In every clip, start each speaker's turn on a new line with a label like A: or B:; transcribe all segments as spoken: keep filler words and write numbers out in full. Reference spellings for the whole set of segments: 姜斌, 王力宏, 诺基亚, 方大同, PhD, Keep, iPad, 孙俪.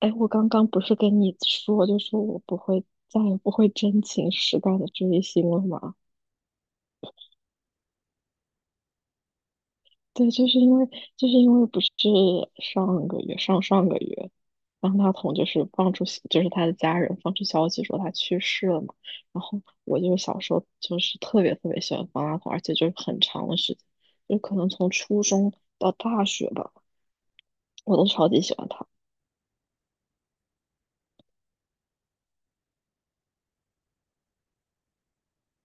A: 哎，我刚刚不是跟你说，就是我不会再也不会真情实感的追星了吗？对，就是因为就是因为不是上个月上上个月，方大同就是放出就是他的家人放出消息说他去世了嘛。然后我就是小时候就是特别特别喜欢方大同，而且就是很长的时间，就可能从初中到大学吧，我都超级喜欢他。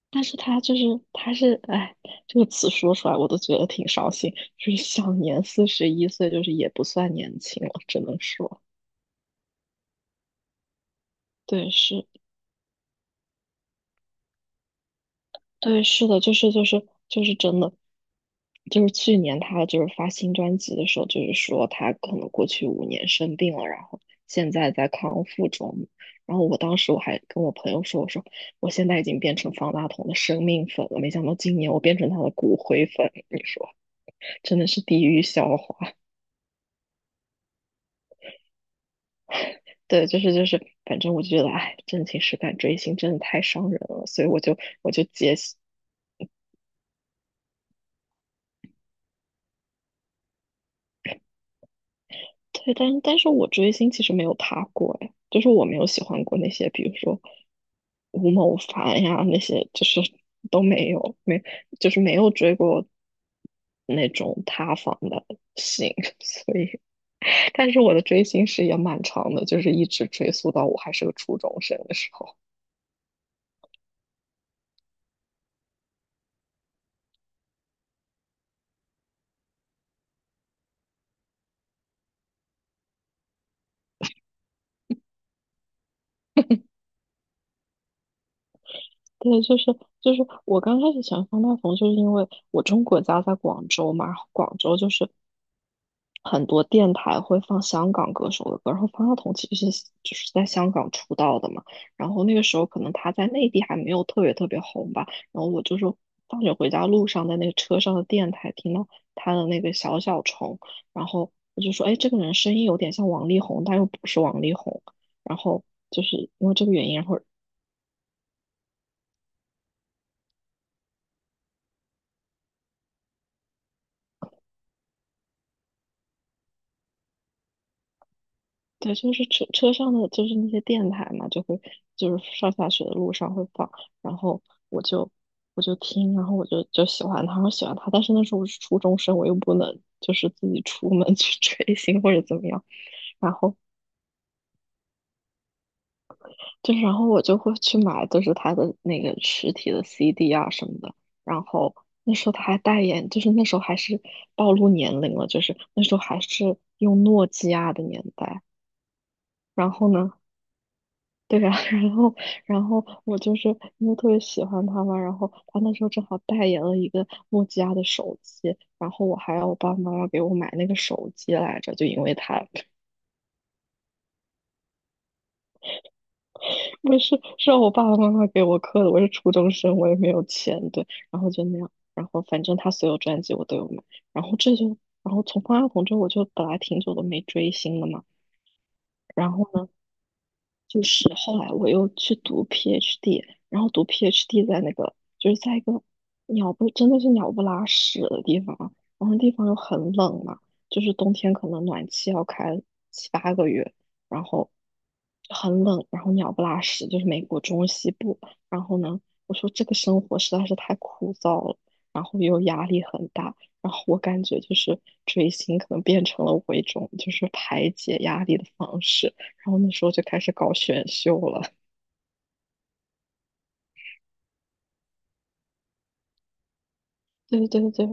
A: 但是他就是他是哎，这个词说出来我都觉得挺伤心，就是享年四十一岁，就是也不算年轻了，只能说。对。是。对，是的，就是就是就是真的，就是去年他就是发新专辑的时候，就是说他可能过去五年生病了，然后现在在康复中。然后我当时我还跟我朋友说，我说我现在已经变成方大同的生命粉了，没想到今年我变成他的骨灰粉，你说真的是地狱笑话。对，就是就是，反正我就觉得，哎，真情实感追星真的太伤人了，所以我就我就接。对，但但是我追星其实没有他过哎，就是我没有喜欢过那些，比如说吴某凡呀那些，就是都没有，没就是没有追过那种塌房的星。所以，但是我的追星史也蛮长的，就是一直追溯到我还是个初中生的时候。对，就是就是我刚开始喜欢方大同，就是因为我中国家在广州嘛，然后广州就是很多电台会放香港歌手的歌，然后方大同其实是就是在香港出道的嘛。然后那个时候可能他在内地还没有特别特别红吧，然后我就说放学回家路上在那个车上的电台听到他的那个小小虫。然后我就说，哎，这个人声音有点像王力宏，但又不是王力宏，然后就是因为这个原因。然后对，就是车车上的就是那些电台嘛，就会就是上下学的路上会放。然后我就我就听，然后我就就喜欢他，我喜欢他，但是那时候我是初中生，我又不能就是自己出门去 追星或者怎么样。然后就是，然后我就会去买，就是他的那个实体的 C D 啊什么的。然后那时候他还代言，就是那时候还是暴露年龄了，就是那时候还是用诺基亚的年代。然后呢，对呀，然后，然后我就是因为特别喜欢他嘛，然后他那时候正好代言了一个诺基亚的手机，然后我还让我爸爸妈妈给我买那个手机来着，就因为他。不是是让我爸爸妈妈给我刻的，我是初中生，我也没有钱。对，然后就那样，然后反正他所有专辑我都有买。然后这就，然后从方大同之后我就本来挺久都没追星了嘛。然后呢，就是后来我又去读 PhD,然后读 PhD 在那个就是在一个鸟不真的是鸟不拉屎的地方，然后那地方又很冷嘛，就是冬天可能暖气要开七八个月，然后很冷，然后鸟不拉屎，就是美国中西部。然后呢，我说这个生活实在是太枯燥了，然后又压力很大，然后我感觉就是追星可能变成了我一种就是排解压力的方式。然后那时候就开始搞选秀了。对对对，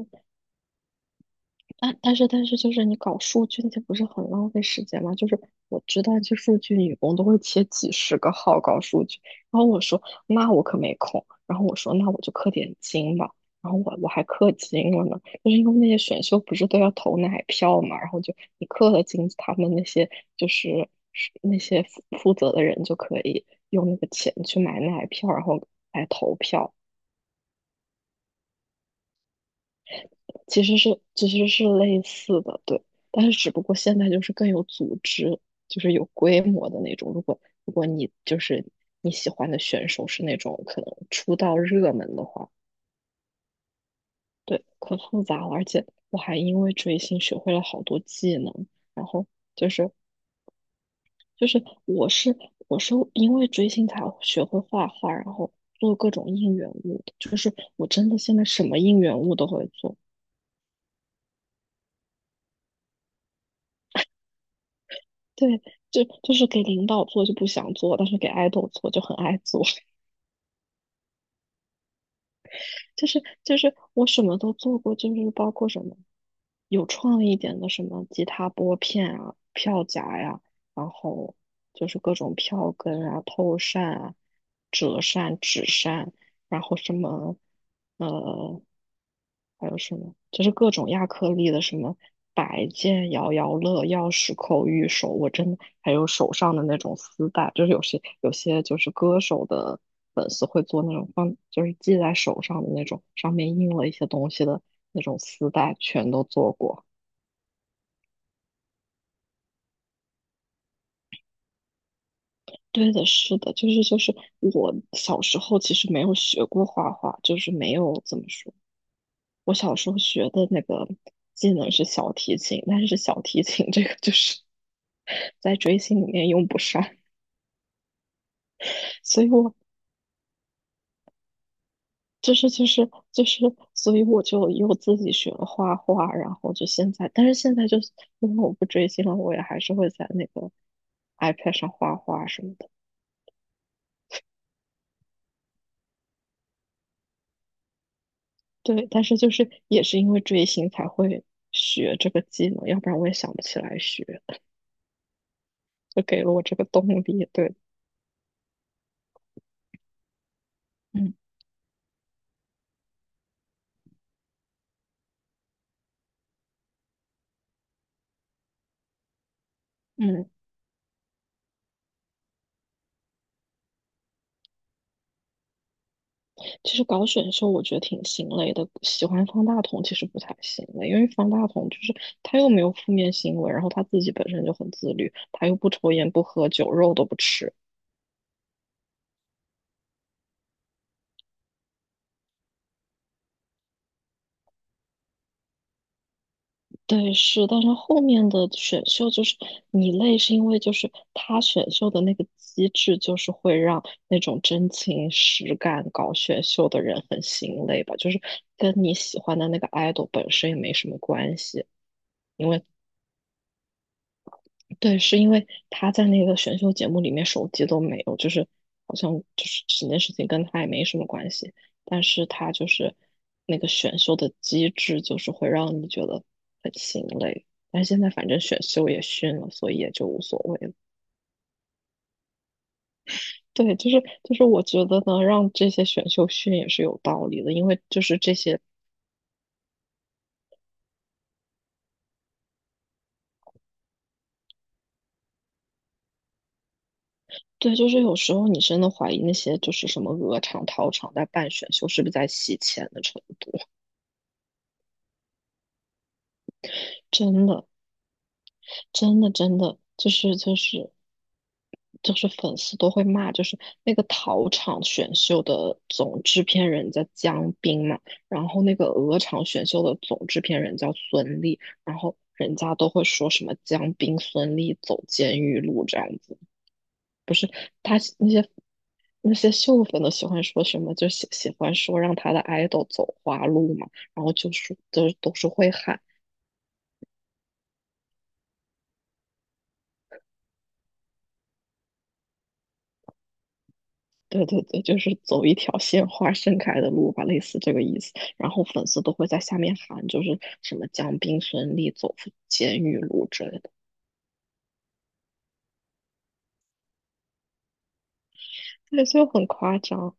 A: 但但是但是就是你搞数据那些不是很浪费时间吗？就是我知道就数据女工都会切几十个号搞数据，然后我说那我可没空，然后我说那我就氪点金吧。然后我我还氪金了呢，就是因为那些选秀不是都要投奶票嘛，然后就你氪了金，他们那些就是是那些负负责的人就可以用那个钱去买奶票，然后来投票。其实是其实是类似的。对，但是只不过现在就是更有组织，就是有规模的那种。如果如果你就是你喜欢的选手是那种可能出道热门的话。对，可复杂了。而且我还因为追星学会了好多技能。然后就是就是我是我是因为追星才学会画画，然后做各种应援物的，就是我真的现在什么应援物都会做。对，就就是给领导做就不想做，但是给爱豆做就很爱做。就是就是我什么都做过，就是包括什么有创意一点的什么吉他拨片啊、票夹呀，然后就是各种票根啊、透扇啊、折扇、纸扇，然后什么呃，还有什么，就是各种亚克力的什么摆件、摇摇乐、钥匙扣、玉手，我真的还有手上的那种丝带，就是有些有些就是歌手的粉丝会做那种放，就是系在手上的那种，上面印了一些东西的那种丝带，全都做过。对的，是的，就是就是我小时候其实没有学过画画，就是没有怎么说。我小时候学的那个技能是小提琴，但是小提琴这个就是 在追星里面用不上，所以我就是就是就是，所以我就又自己学了画画，然后就现在，但是现在就是因为我不追星了，我也还是会在那个 iPad 上画画什么的。对，但是就是也是因为追星才会学这个技能，要不然我也想不起来学，就给了我这个动力。对。嗯嗯。其实搞选秀我觉得挺心累的，喜欢方大同其实不太心累，因为方大同就是他又没有负面新闻，然后他自己本身就很自律，他又不抽烟不喝酒，肉都不吃。对，是，但是后面的选秀就是你累，是因为就是他选秀的那个机制，就是会让那种真情实感搞选秀的人很心累吧，就是跟你喜欢的那个 idol 本身也没什么关系。因为。对，是因为他在那个选秀节目里面手机都没有，就是好像就是这件事情跟他也没什么关系，但是他就是那个选秀的机制，就是会让你觉得很心累。但现在反正选秀也训了，所以也就无所谓了。对，就是就是我觉得呢，让这些选秀训也是有道理的，因为就是这些。对，就是有时候你真的怀疑那些就是什么鹅厂、桃厂在办选秀是不是在洗钱的程度，真的。真的真的就是就是就是粉丝都会骂，就是那个桃场选秀的总制片人叫姜斌嘛，然后那个鹅厂选秀的总制片人叫孙俪，然后人家都会说什么姜斌、孙俪走监狱路这样子。他那些那些秀粉都喜欢说什么，就喜喜欢说让他的 idol 走花路嘛，然后就说就是都都是会喊。对对对，就是走一条鲜花盛开的路吧，类似这个意思。然后粉丝都会在下面喊，就是什么“将斌孙俪走出监狱路”之类的。对，就很夸张。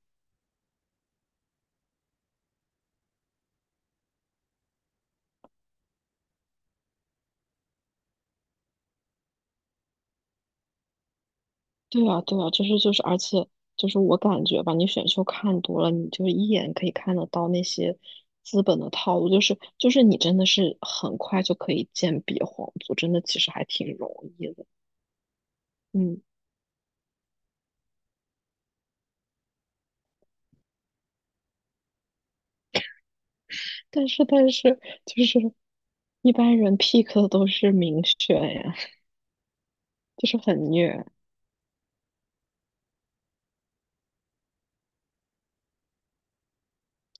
A: 对啊，对啊，就是就是，而且就是我感觉吧，你选秀看多了，你就一眼可以看得到那些资本的套路，就是就是你真的是很快就可以鉴别皇族，真的其实还挺容易的。嗯，但是但是就是一般人 pick 的都是明选呀。就是很虐。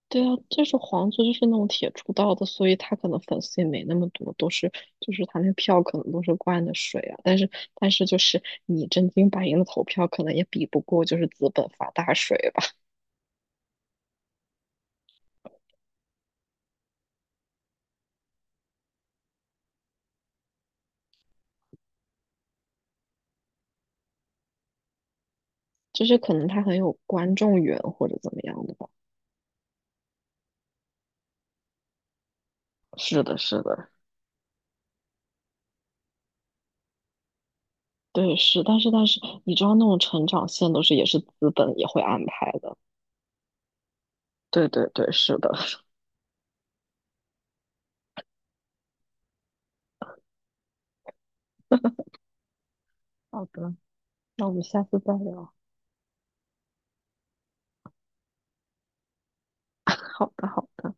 A: 对啊，就是黄族就是那种铁出道的，所以他可能粉丝也没那么多，都是就是他那个票可能都是灌的水啊。但是但是就是你真金白银的投票，可能也比不过就是资本发大水吧。就是可能他很有观众缘或者怎么样的吧。是的，是的。对，是，但是但是你知道那种成长线都是也是资本也会安排的。对对对，是的。好的，那我们下次再聊。好的，好。的。